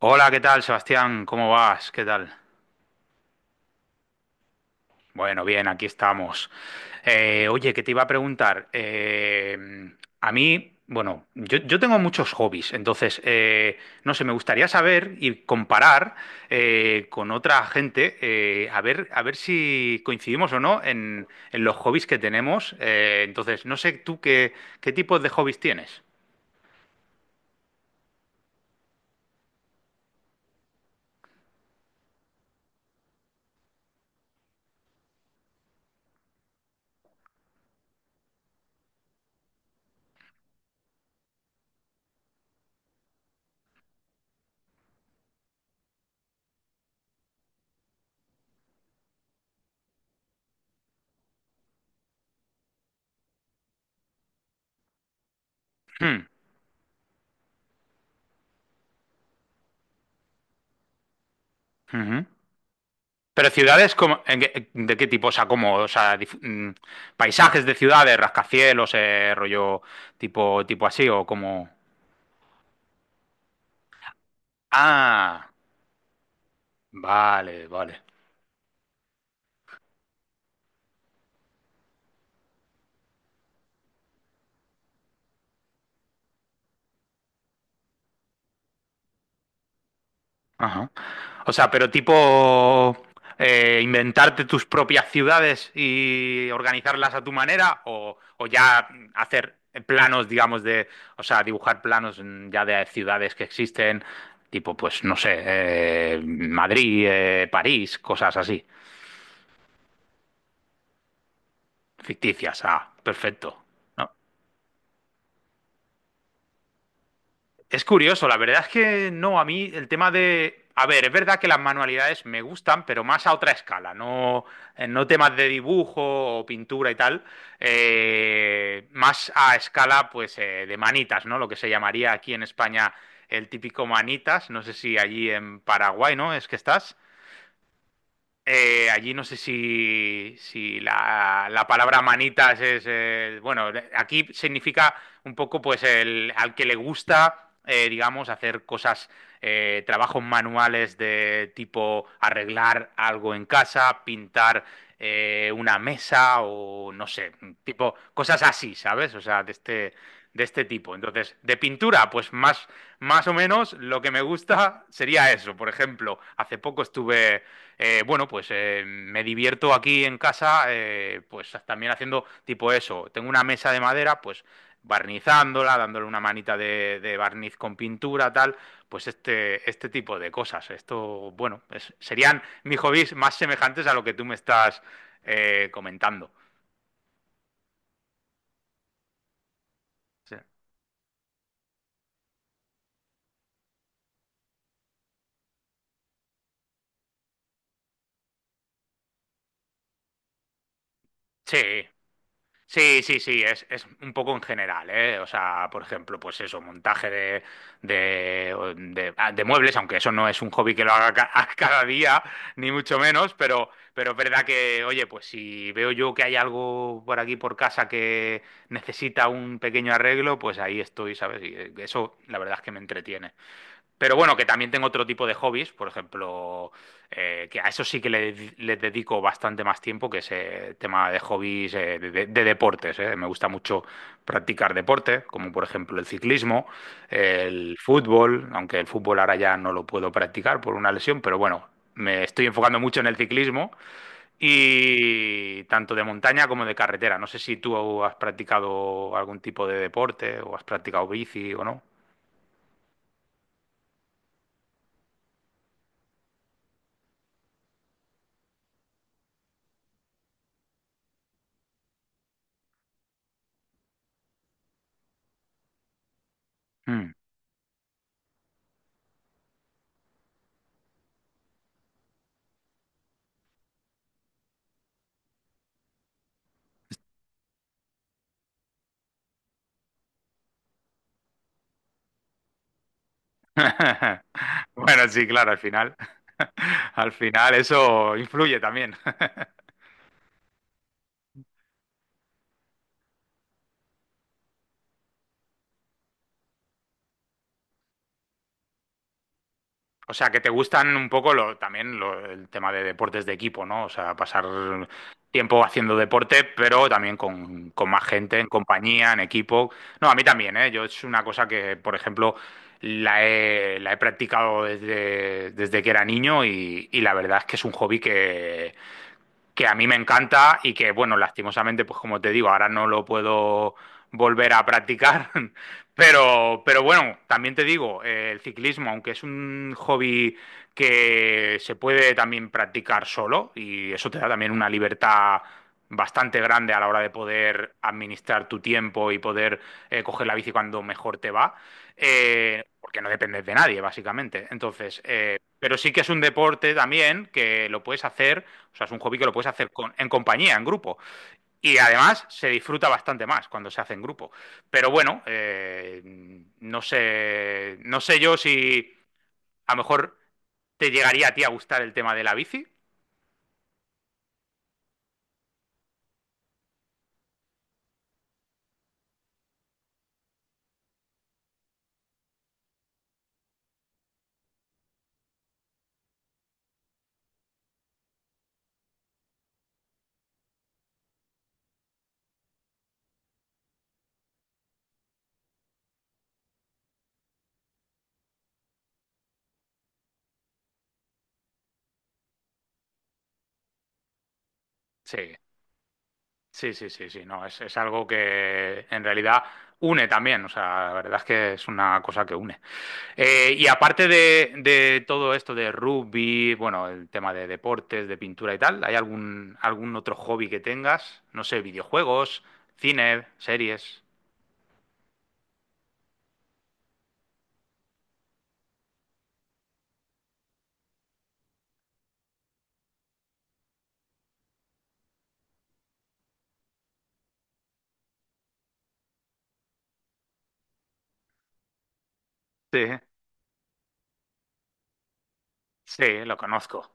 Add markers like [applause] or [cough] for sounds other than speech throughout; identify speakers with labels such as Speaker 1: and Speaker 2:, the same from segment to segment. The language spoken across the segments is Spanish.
Speaker 1: Hola, ¿qué tal, Sebastián? ¿Cómo vas? ¿Qué tal? Bueno, bien, aquí estamos. Oye, que te iba a preguntar. A mí, bueno, yo tengo muchos hobbies, entonces, no sé, me gustaría saber y comparar con otra gente, a ver si coincidimos o no en, en los hobbies que tenemos. Entonces, no sé qué tipos de hobbies tienes. Hmm, ujú. Pero ciudades como, ¿de qué tipo? O sea, como, o sea, paisajes de ciudades, rascacielos, rollo tipo así, o como. Ah, vale, vale. Ajá. O sea, pero tipo inventarte tus propias ciudades y organizarlas a tu manera, o ya hacer planos, digamos, de, o sea, dibujar planos ya de ciudades que existen, tipo, pues, no sé, Madrid, París, cosas así. Ficticias, ah, perfecto. No, es curioso, la verdad es que no, a mí el tema de... A ver, es verdad que las manualidades me gustan, pero más a otra escala, no, no temas de dibujo o pintura y tal, más a escala pues de manitas, ¿no? Lo que se llamaría aquí en España el típico manitas, no sé si allí en Paraguay, ¿no? Es que estás. Allí no sé si, la palabra manitas es, bueno, aquí significa un poco pues el, al que le gusta, digamos, hacer cosas, trabajos manuales de tipo arreglar algo en casa, pintar una mesa o no sé, tipo cosas así, ¿sabes? O sea, de este tipo. Entonces, de pintura, pues más o menos lo que me gusta sería eso. Por ejemplo, hace poco estuve bueno, pues me divierto aquí en casa, pues también haciendo tipo eso. Tengo una mesa de madera, pues barnizándola, dándole una manita de barniz con pintura, tal, pues este tipo de cosas. Esto, bueno, serían mis hobbies más semejantes a lo que tú me estás comentando. Sí, sí. Sí, sí, sí, es un poco en general, ¿eh? O sea, por ejemplo, pues eso, montaje de, de muebles, aunque eso no es un hobby que lo haga [laughs] cada día, ni mucho menos, pero es verdad que, oye, pues si veo yo que hay algo por aquí por casa que necesita un pequeño arreglo, pues ahí estoy, ¿sabes? Y eso, la verdad es que me entretiene. Pero bueno, que también tengo otro tipo de hobbies, por ejemplo, que a eso sí que le dedico bastante más tiempo, que es tema de hobbies de, de deportes. Me gusta mucho practicar deporte, como por ejemplo el ciclismo, el fútbol, aunque el fútbol ahora ya no lo puedo practicar por una lesión, pero bueno, me estoy enfocando mucho en el ciclismo y tanto de montaña como de carretera. No sé si tú has practicado algún tipo de deporte o has practicado bici o no. Mm. [laughs] Bueno, sí, claro, al final, [laughs] al final eso influye también. [laughs] O sea, que te gustan un poco lo, también el tema de deportes de equipo, ¿no? O sea, pasar tiempo haciendo deporte, pero también con más gente, en compañía, en equipo. No, a mí también, ¿eh? Yo es una cosa que, por ejemplo, la he practicado desde, desde que era niño y la verdad es que es un hobby que a mí me encanta y que, bueno, lastimosamente, pues como te digo, ahora no lo puedo volver a practicar, [laughs] pero bueno, también te digo, el ciclismo, aunque es un hobby que se puede también practicar solo y eso te da también una libertad bastante grande a la hora de poder administrar tu tiempo y poder coger la bici cuando mejor te va, porque no dependes de nadie, básicamente. Entonces, pero sí que es un deporte también que lo puedes hacer o sea, es un hobby que lo puedes hacer con, en compañía, en grupo. Y además se disfruta bastante más cuando se hace en grupo. Pero bueno, no sé. No sé yo si a lo mejor te llegaría a ti a gustar el tema de la bici. Sí, sí, sí, sí, sí. No, es algo que en realidad une también. O sea, la verdad es que es una cosa que une. Y aparte de todo esto de rugby, bueno, el tema de deportes, de pintura y tal, ¿hay algún, algún otro hobby que tengas? No sé, videojuegos, cine, series. Sí, sí, lo conozco.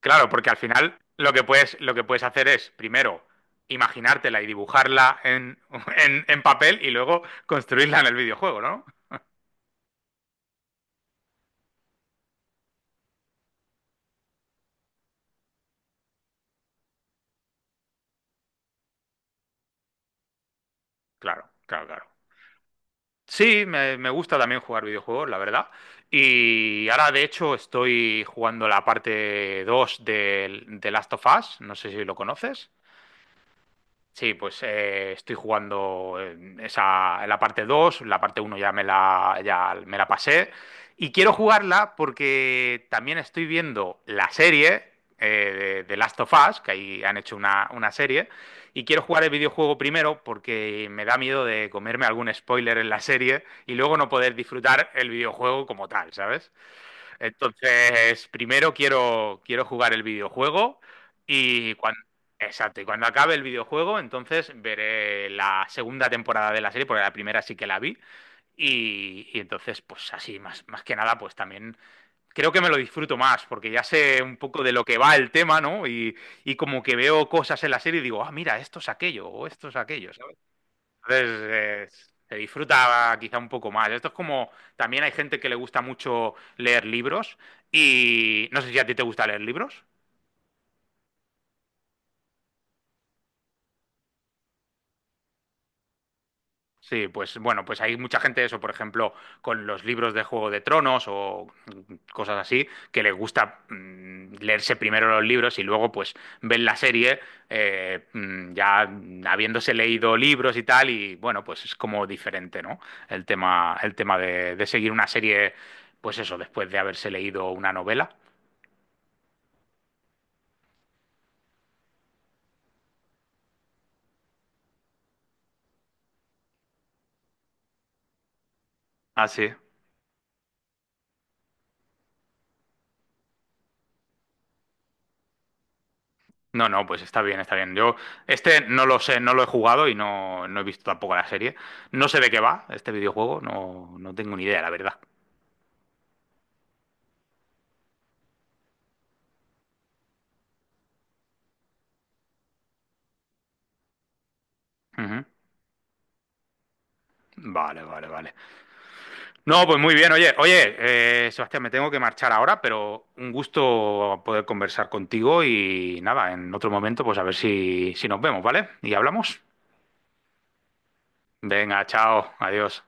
Speaker 1: Claro, porque al final lo que puedes hacer es, primero, imaginártela y dibujarla en, [laughs] en papel y luego construirla en el videojuego, ¿no? Claro, claro, claro. Sí, me gusta también jugar videojuegos, la verdad. Y ahora, de hecho, estoy jugando la parte 2 de Last of Us. No sé si lo conoces. Sí, pues estoy jugando en esa, en la parte 2. La parte uno ya me la pasé y quiero jugarla porque también estoy viendo la serie de Last of Us, que ahí han hecho una serie, y quiero jugar el videojuego primero porque me da miedo de comerme algún spoiler en la serie y luego no poder disfrutar el videojuego como tal, ¿sabes? Entonces, primero quiero, quiero jugar el videojuego y cuando, exacto, y cuando acabe el videojuego, entonces veré la segunda temporada de la serie, porque la primera sí que la vi. Y entonces, pues así, más que nada, pues también creo que me lo disfruto más, porque ya sé un poco de lo que va el tema, ¿no? Y como que veo cosas en la serie y digo, ah, mira, esto es aquello, o esto es aquello, ¿sabes? Entonces, se disfruta quizá un poco más. Esto es como, también hay gente que le gusta mucho leer libros y no sé si a ti te gusta leer libros. Sí, pues bueno, pues hay mucha gente, eso, por ejemplo, con los libros de Juego de Tronos o cosas así, que les gusta leerse primero los libros y luego pues ven la serie ya habiéndose leído libros y tal, y bueno, pues es como diferente, ¿no? El tema de seguir una serie, pues eso, después de haberse leído una novela. Ah, sí. No, no, pues está bien, está bien. Yo este no lo sé, no lo he jugado y no, no he visto tampoco la serie. No sé de qué va este videojuego, no, no tengo ni idea, la verdad. Ujú. Vale, vale, vale. No, pues muy bien, oye, oye, Sebastián, me tengo que marchar ahora, pero un gusto poder conversar contigo y nada, en otro momento, pues a ver si, si nos vemos, ¿vale? Y hablamos. Venga, chao, adiós.